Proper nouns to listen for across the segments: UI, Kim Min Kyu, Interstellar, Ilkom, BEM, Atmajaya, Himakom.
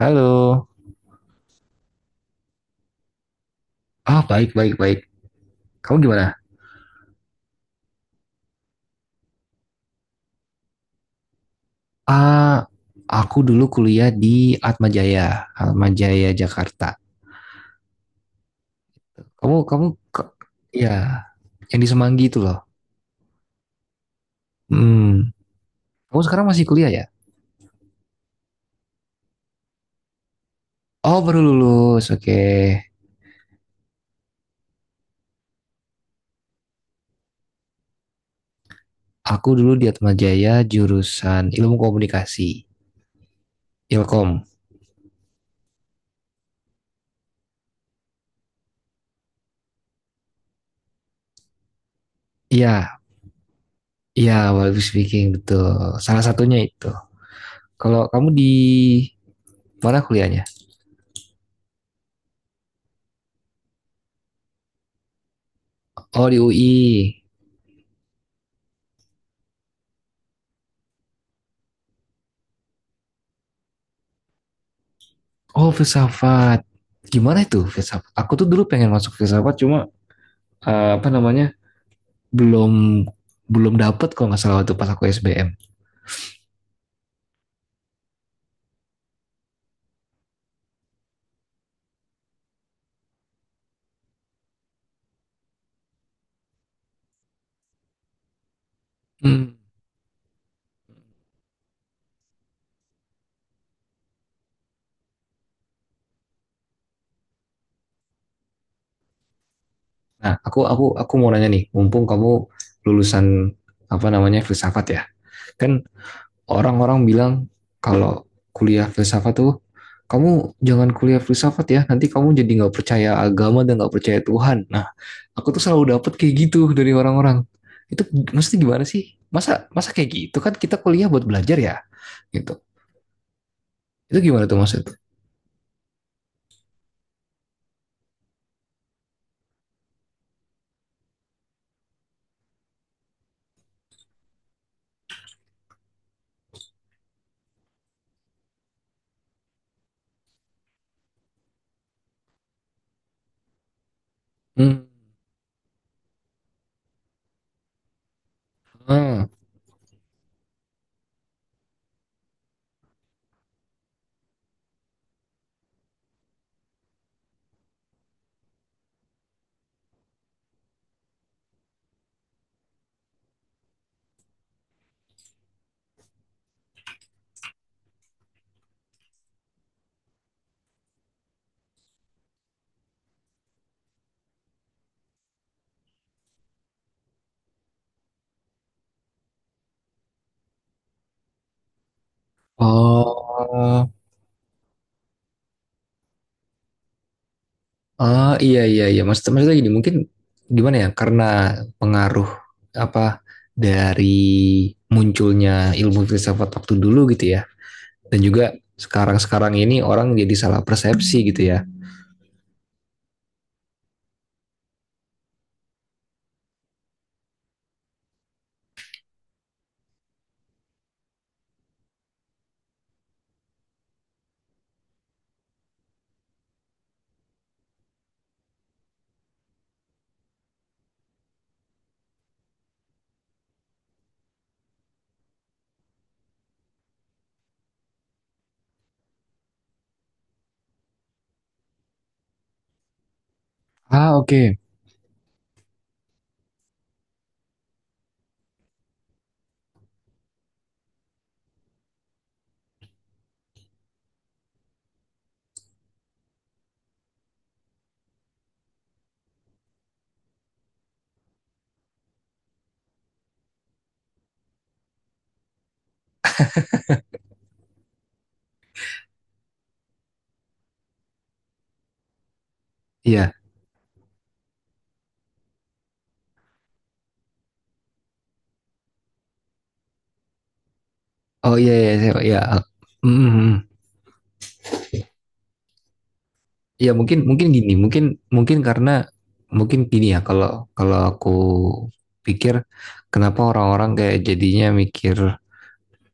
Halo. Ah, baik, baik, baik. Kamu gimana? Ah, aku dulu kuliah di Atmajaya, Atmajaya Jakarta. Kamu, kamu, ke, ya, yang di Semanggi itu loh. Hmm. Kamu sekarang masih kuliah ya? Oh, baru lulus. Oke. Aku dulu di Atmajaya jurusan Ilmu Komunikasi, Ilkom. Iya, iya, public speaking betul. Salah satunya itu. Kalau kamu di mana kuliahnya? Oh, di UI. Oh, filsafat. Gimana itu filsafat? Aku tuh dulu pengen masuk filsafat, cuma apa namanya belum belum dapet kalau nggak salah waktu pas aku SBM. Hmm. Nah, aku mau nanya nih, mumpung kamu lulusan apa namanya filsafat ya, kan orang-orang bilang kalau kuliah filsafat tuh kamu jangan kuliah filsafat ya, nanti kamu jadi nggak percaya agama dan nggak percaya Tuhan. Nah, aku tuh selalu dapet kayak gitu dari orang-orang. Itu maksudnya gimana sih? Masa masa kayak gitu kan kita kuliah buat belajar ya? Gitu. Itu gimana tuh maksudnya? Hmm. Hmm. Oh, ah, iya, iya, iya. Maksudnya gini mungkin gimana ya? Karena pengaruh apa dari munculnya ilmu filsafat waktu dulu gitu ya. Dan juga sekarang-sekarang ini orang jadi salah persepsi gitu ya. Ah, oke. Iya. Oh, iya, iya, iya. Iya. Mm, mm. Ya mungkin mungkin gini, mungkin mungkin karena mungkin gini ya kalau kalau aku pikir kenapa orang-orang kayak jadinya mikir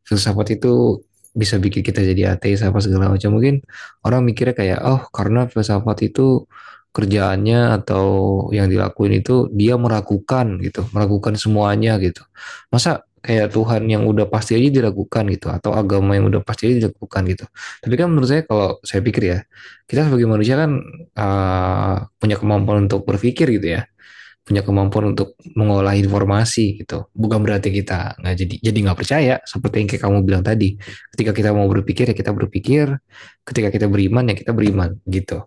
filsafat itu bisa bikin kita jadi ateis apa segala macam. Mungkin orang mikirnya kayak, oh karena filsafat itu kerjaannya atau yang dilakuin itu dia meragukan gitu, meragukan semuanya gitu. Masa kayak Tuhan yang udah pasti aja diragukan gitu, atau agama yang udah pasti aja diragukan gitu. Tapi kan menurut saya kalau saya pikir ya, kita sebagai manusia kan punya kemampuan untuk berpikir gitu ya, punya kemampuan untuk mengolah informasi gitu. Bukan berarti kita nggak jadi nggak percaya seperti yang kayak kamu bilang tadi. Ketika kita mau berpikir ya kita berpikir, ketika kita beriman ya kita beriman gitu.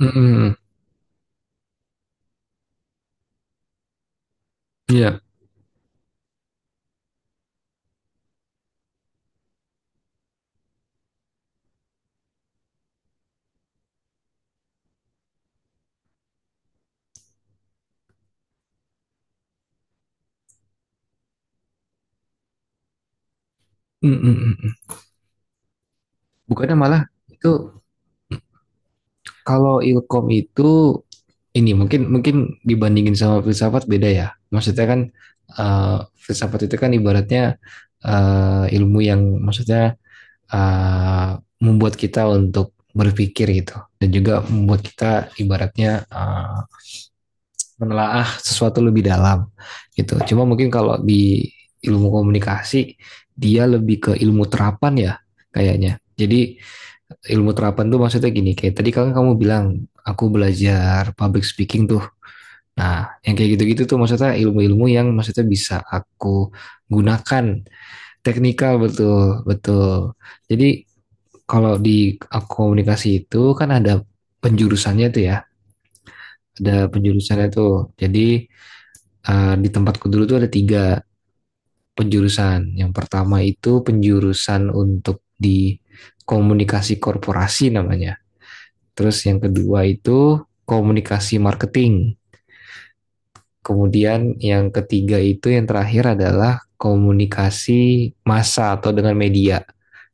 Mm. Iya. Bukannya malah itu kalau ilkom itu ini mungkin mungkin dibandingin sama filsafat beda ya. Maksudnya kan filsafat itu kan ibaratnya ilmu yang maksudnya membuat kita untuk berpikir gitu dan juga membuat kita ibaratnya menelaah sesuatu lebih dalam gitu. Cuma mungkin kalau di ilmu komunikasi dia lebih ke ilmu terapan ya kayaknya. Jadi ilmu terapan tuh maksudnya gini kayak tadi kan kamu bilang aku belajar public speaking tuh. Nah, yang kayak gitu-gitu tuh maksudnya ilmu-ilmu yang maksudnya bisa aku gunakan teknikal, betul, betul. Jadi kalau di komunikasi itu kan ada penjurusannya tuh ya, ada penjurusannya tuh. Jadi di tempatku dulu tuh ada tiga penjurusan. Yang pertama itu penjurusan untuk di komunikasi korporasi namanya. Terus yang kedua itu komunikasi marketing. Kemudian yang ketiga itu yang terakhir adalah komunikasi massa atau dengan media.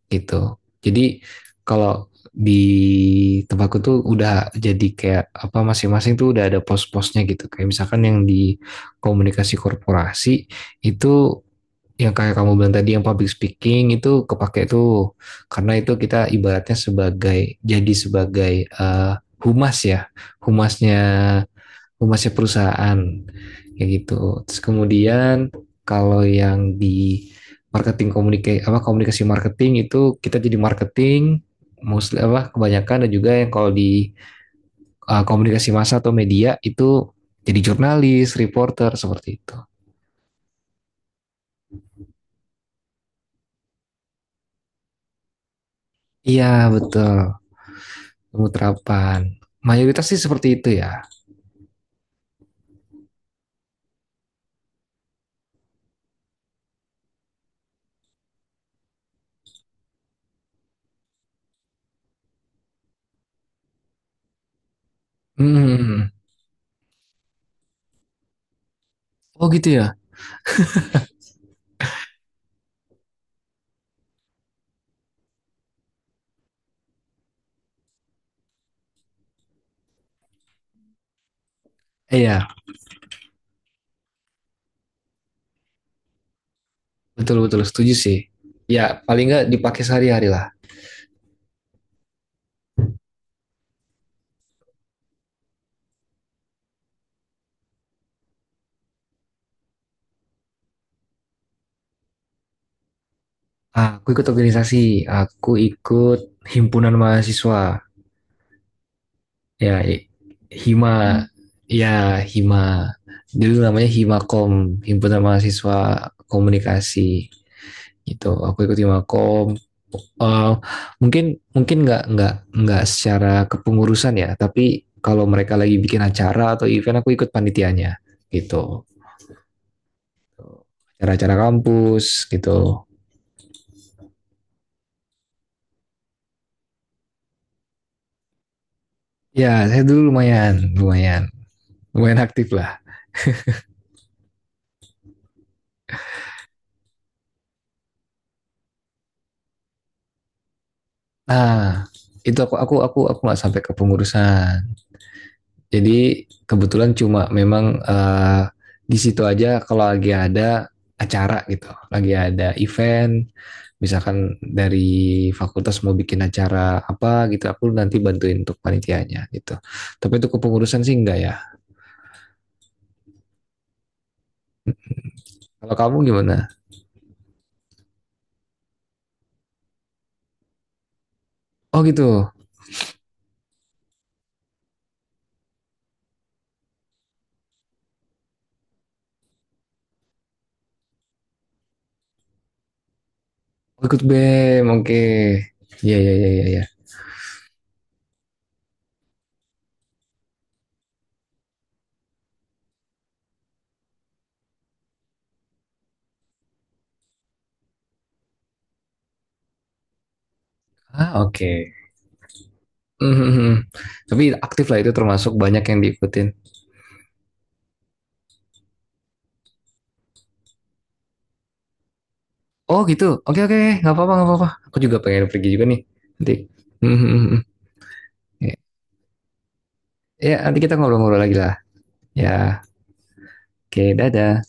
Gitu. Jadi kalau di tempatku tuh udah jadi kayak apa masing-masing tuh udah ada pos-posnya gitu. Kayak misalkan yang di komunikasi korporasi itu yang kayak kamu bilang tadi yang public speaking itu kepake tuh karena itu kita ibaratnya sebagai humas ya, humasnya, oh, masih perusahaan kayak gitu. Terus kemudian kalau yang di marketing komunikasi apa komunikasi marketing itu kita jadi marketing mostly apa kebanyakan, dan juga yang kalau di komunikasi massa atau media itu jadi jurnalis, reporter seperti itu. Iya betul, ilmu terapan. Mayoritas sih seperti itu ya. Hmm. Oh gitu ya? Iya, betul-betul setuju sih. Ya paling nggak dipakai sehari-hari lah. Aku ikut organisasi, aku ikut himpunan mahasiswa, ya, Hima. Hmm. Ya, Hima. Dulu namanya Himakom, himpunan mahasiswa komunikasi gitu. Aku ikut Himakom. Eh, mungkin mungkin nggak secara kepengurusan ya, tapi kalau mereka lagi bikin acara atau event, aku ikut panitianya gitu. Acara-acara kampus gitu. Ya, saya dulu lumayan, lumayan, lumayan aktif lah. Nah, itu aku nggak sampai ke pengurusan. Jadi kebetulan cuma memang di situ aja kalau lagi ada acara gitu, lagi ada event, misalkan dari fakultas mau bikin acara apa gitu, aku nanti bantuin untuk panitianya gitu. Tapi itu kepengurusan sih enggak ya. Kalau kamu gimana? Oh gitu. Oh, ikut BEM, oke. Iya, iya, iya, iya, iya. Ah, oke. Mhm. Tapi aktif lah itu termasuk banyak yang diikutin. Oh gitu. Oke, oke, nggak apa-apa, nggak apa-apa. Aku juga pengen pergi juga nih nanti. Ya, ya, nanti kita ngobrol-ngobrol lagi lah. Ya, oke, dadah.